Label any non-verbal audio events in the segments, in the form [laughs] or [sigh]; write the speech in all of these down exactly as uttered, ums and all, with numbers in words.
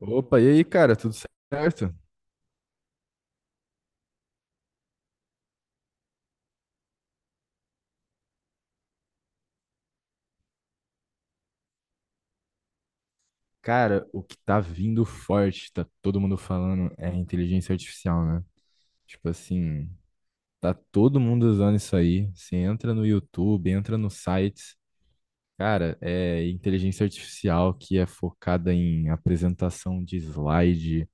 Opa, e aí, cara, tudo certo? Cara, o que tá vindo forte, tá todo mundo falando, é a inteligência artificial, né? Tipo assim, tá todo mundo usando isso aí. Você entra no YouTube, entra nos sites. Cara, é inteligência artificial que é focada em apresentação de slide,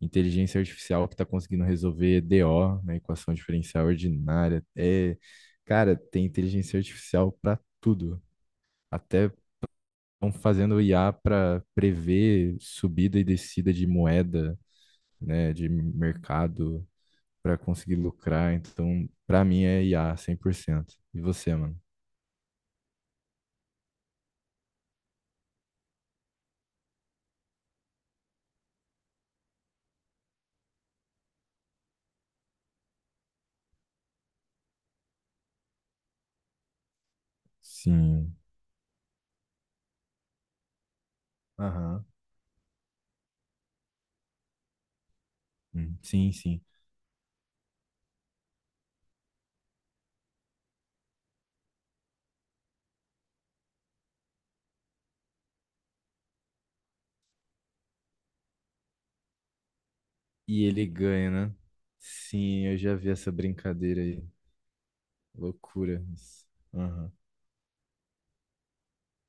inteligência artificial que tá conseguindo resolver D O, né, equação diferencial ordinária. É, cara, tem inteligência artificial pra tudo. Até estão fazendo I A para prever subida e descida de moeda, né, de mercado, para conseguir lucrar. Então, para mim é I A cem por cento. E você, mano? Sim. Aham. Hum, sim, sim. E ele ganha, né? Sim, eu já vi essa brincadeira aí. Loucura isso. Aham.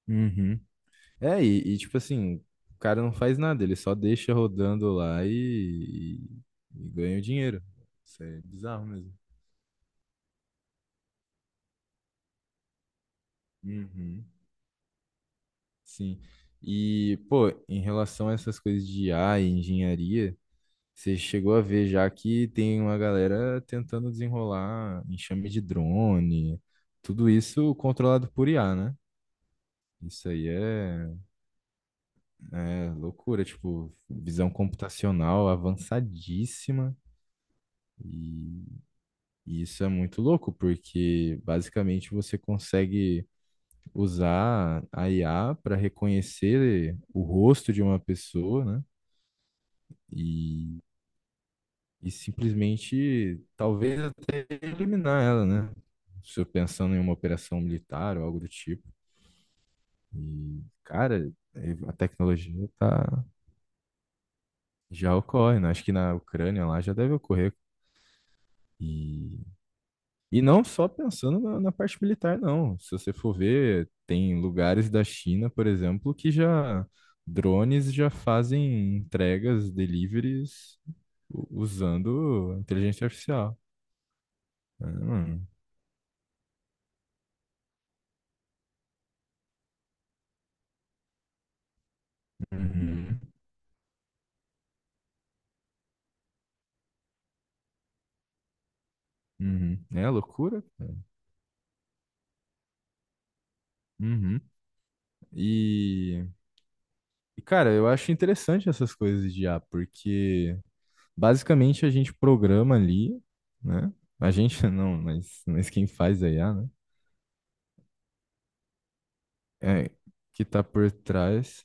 Uhum. É, e, e, tipo assim, o cara não faz nada, ele só deixa rodando lá e, e- e ganha o dinheiro. Isso é bizarro mesmo. Uhum. Sim. E, pô, em relação a essas coisas de I A e engenharia, você chegou a ver já que tem uma galera tentando desenrolar enxame de drone, tudo isso controlado por I A, né? Isso aí é, é loucura, tipo, visão computacional avançadíssima. E, e isso é muito louco, porque basicamente você consegue usar a I A para reconhecer o rosto de uma pessoa, né? E e simplesmente talvez até eliminar ela, né? Se eu pensando em uma operação militar ou algo do tipo. E, cara, é- a tecnologia tá já ocorre, né? Acho que na Ucrânia lá já deve ocorrer. E, e não só pensando na, na parte militar, não. Se você for ver, tem lugares da China, por exemplo, que já drones já fazem entregas, deliveries u- usando inteligência artificial. Ah, uhum. Uhum. É loucura, cara. Uhum. E, e, cara, eu acho interessante essas coisas de I A porque basicamente a gente programa ali, né? A gente [laughs] não, mas, mas quem faz a I A, né? É, que tá por trás.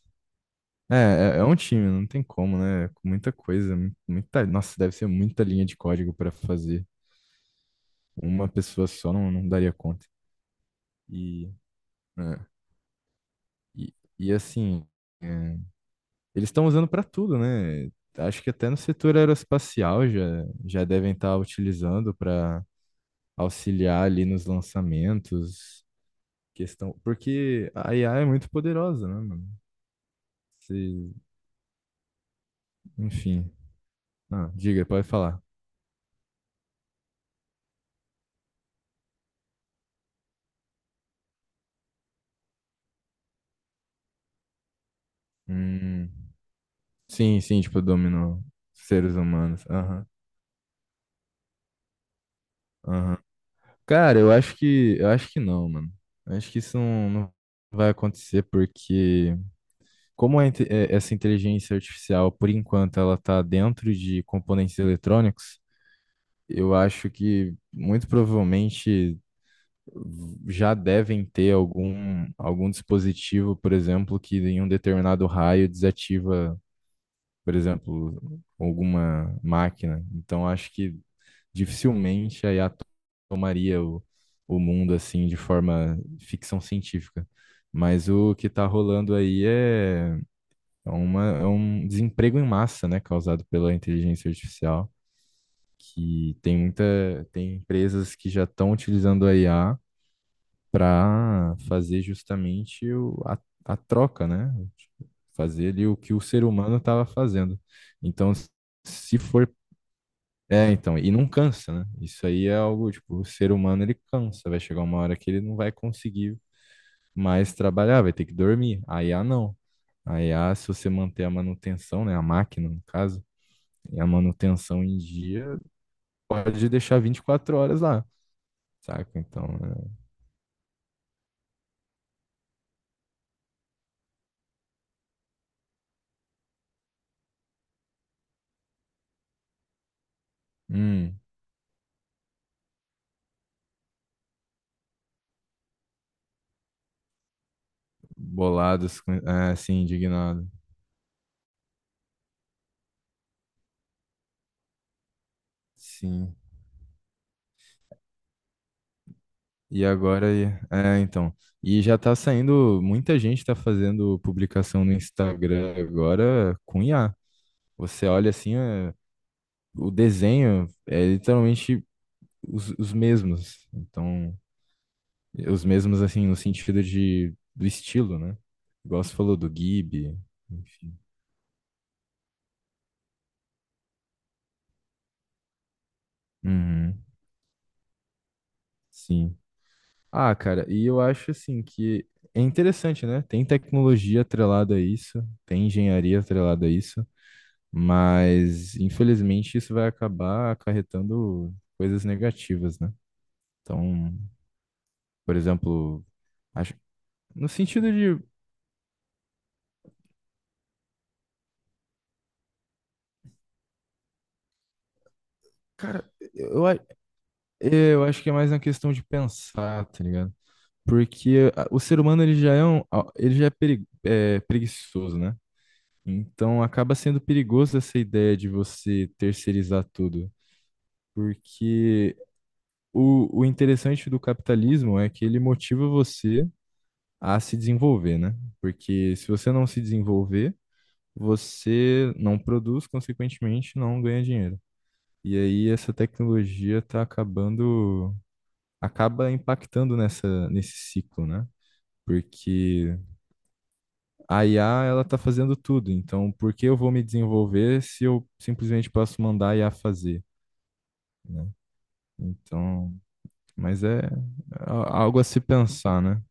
É, é, é um time, não tem como, né? Com muita coisa, mu- muita, nossa, deve ser muita linha de código para fazer. Uma pessoa só não, não daria conta. E, é, e, e assim. É, Eles estão usando para tudo, né? Acho que até no setor aeroespacial já, já devem estar utilizando para auxiliar ali nos lançamentos, questão, porque a I A é muito poderosa, né, mano? Se- Enfim, ah, diga, pode falar. Hum, sim, sim, tipo, dominou seres humanos. Aham, aham. Cara, eu acho que, eu acho que não, mano. Eu acho que isso não, não vai acontecer porque como a inte- eh, essa inteligência artificial, por enquanto, ela está dentro de componentes eletrônicos, eu acho que muito provavelmente já devem ter algum, algum dispositivo, por exemplo, que em um determinado raio desativa, por exemplo, alguma máquina. Então, acho que dificilmente a I A tomaria o, o mundo assim de forma ficção científica. Mas o que está rolando aí é é uma, é um desemprego em massa, né, causado pela inteligência artificial, que tem muita, tem empresas que já estão utilizando a I A para fazer justamente o, a, a troca, né? Tipo, fazer ali o que o ser humano estava fazendo. Então, se for, é, então, e não cansa, né? Isso aí é algo, tipo, o ser humano ele cansa, vai chegar uma hora que ele não vai conseguir mais trabalhar, vai ter que dormir. A I A não. A I A, se você manter a manutenção, né, a máquina, no caso, e a manutenção em dia, pode deixar vinte e quatro horas lá, saca? Então, é, hum, bolados, é, sim, indignado, sim. E agora, é, então, e já tá saindo, muita gente tá fazendo publicação no Instagram agora com I A. Você olha assim, é, o desenho é literalmente os, os mesmos. Então, os mesmos assim, no sentido de, do estilo, né? Igual você falou do Ghibli, enfim. Uhum, sim. Ah, cara, e eu acho assim que é interessante, né? Tem tecnologia atrelada a isso, tem engenharia atrelada a isso, mas infelizmente isso vai acabar acarretando coisas negativas, né? Então, por exemplo, acho, no sentido de, cara, eu, a- eu acho que é mais uma questão de pensar, tá ligado? Porque a- o ser humano ele já é um, a- ele já é peri- é, preguiçoso, né? Então acaba sendo perigoso essa ideia de você terceirizar tudo. Porque o, o interessante do capitalismo é que ele motiva você a se desenvolver, né? Porque se você não se desenvolver, você não produz, consequentemente, não ganha dinheiro. E aí essa tecnologia está acabando, acaba impactando nessa, nesse ciclo, né? Porque a I A, ela está fazendo tudo, então por que eu vou me desenvolver se eu simplesmente posso mandar a I A fazer, né? Então, mas é a- algo a se pensar, né?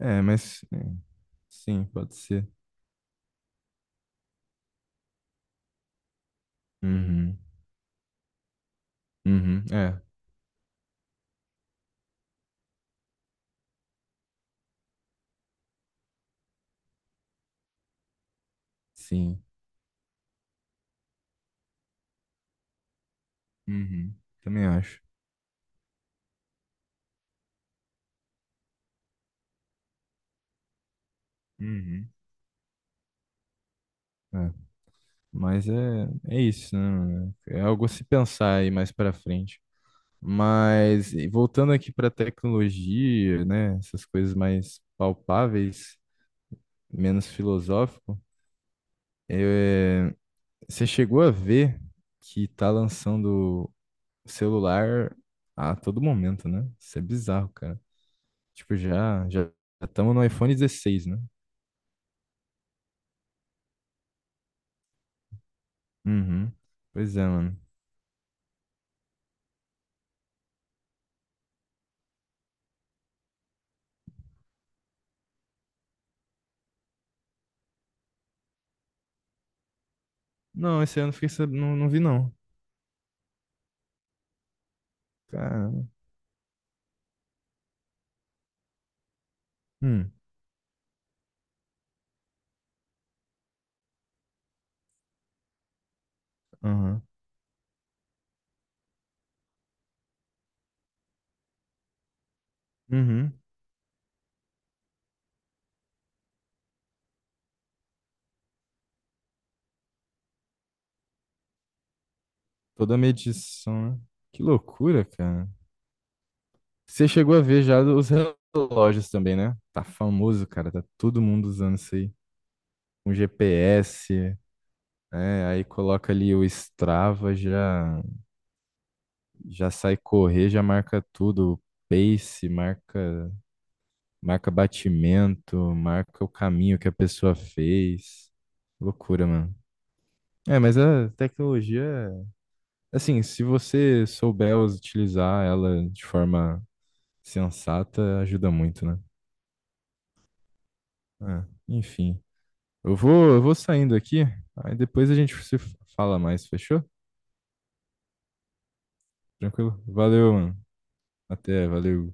É, mas é, sim, pode ser. Uhum. Uhum. É, sim. Uhum. Também acho. Uhum. É. Mas é, é isso, né, mano? É algo a se pensar aí mais pra frente. Mas e voltando aqui pra tecnologia, né? Essas coisas mais palpáveis, menos filosófico, é, você chegou a ver que tá lançando celular a todo momento, né? Isso é bizarro, cara. Tipo, já já estamos no iPhone dezesseis, né? Uhum. Pois é, mano. Não, esse ano eu fiquei sabendo, não, não vi não. Cara. Hum, aham. Uhum. Toda a medição, né? Que loucura, cara. Você chegou a ver já os relógios também, né? Tá famoso, cara. Tá todo mundo usando isso aí. Com G P S, né? Aí coloca ali o Strava, já já sai correr, já marca tudo. O Pace, marca Marca batimento, marca o caminho que a pessoa fez. Loucura, mano. É, mas a tecnologia, assim, se você souber utilizar ela de forma sensata, ajuda muito, né? É, enfim. Eu vou, eu vou saindo aqui, aí depois a gente se fala mais, fechou? Tranquilo? Valeu, mano. Até, valeu.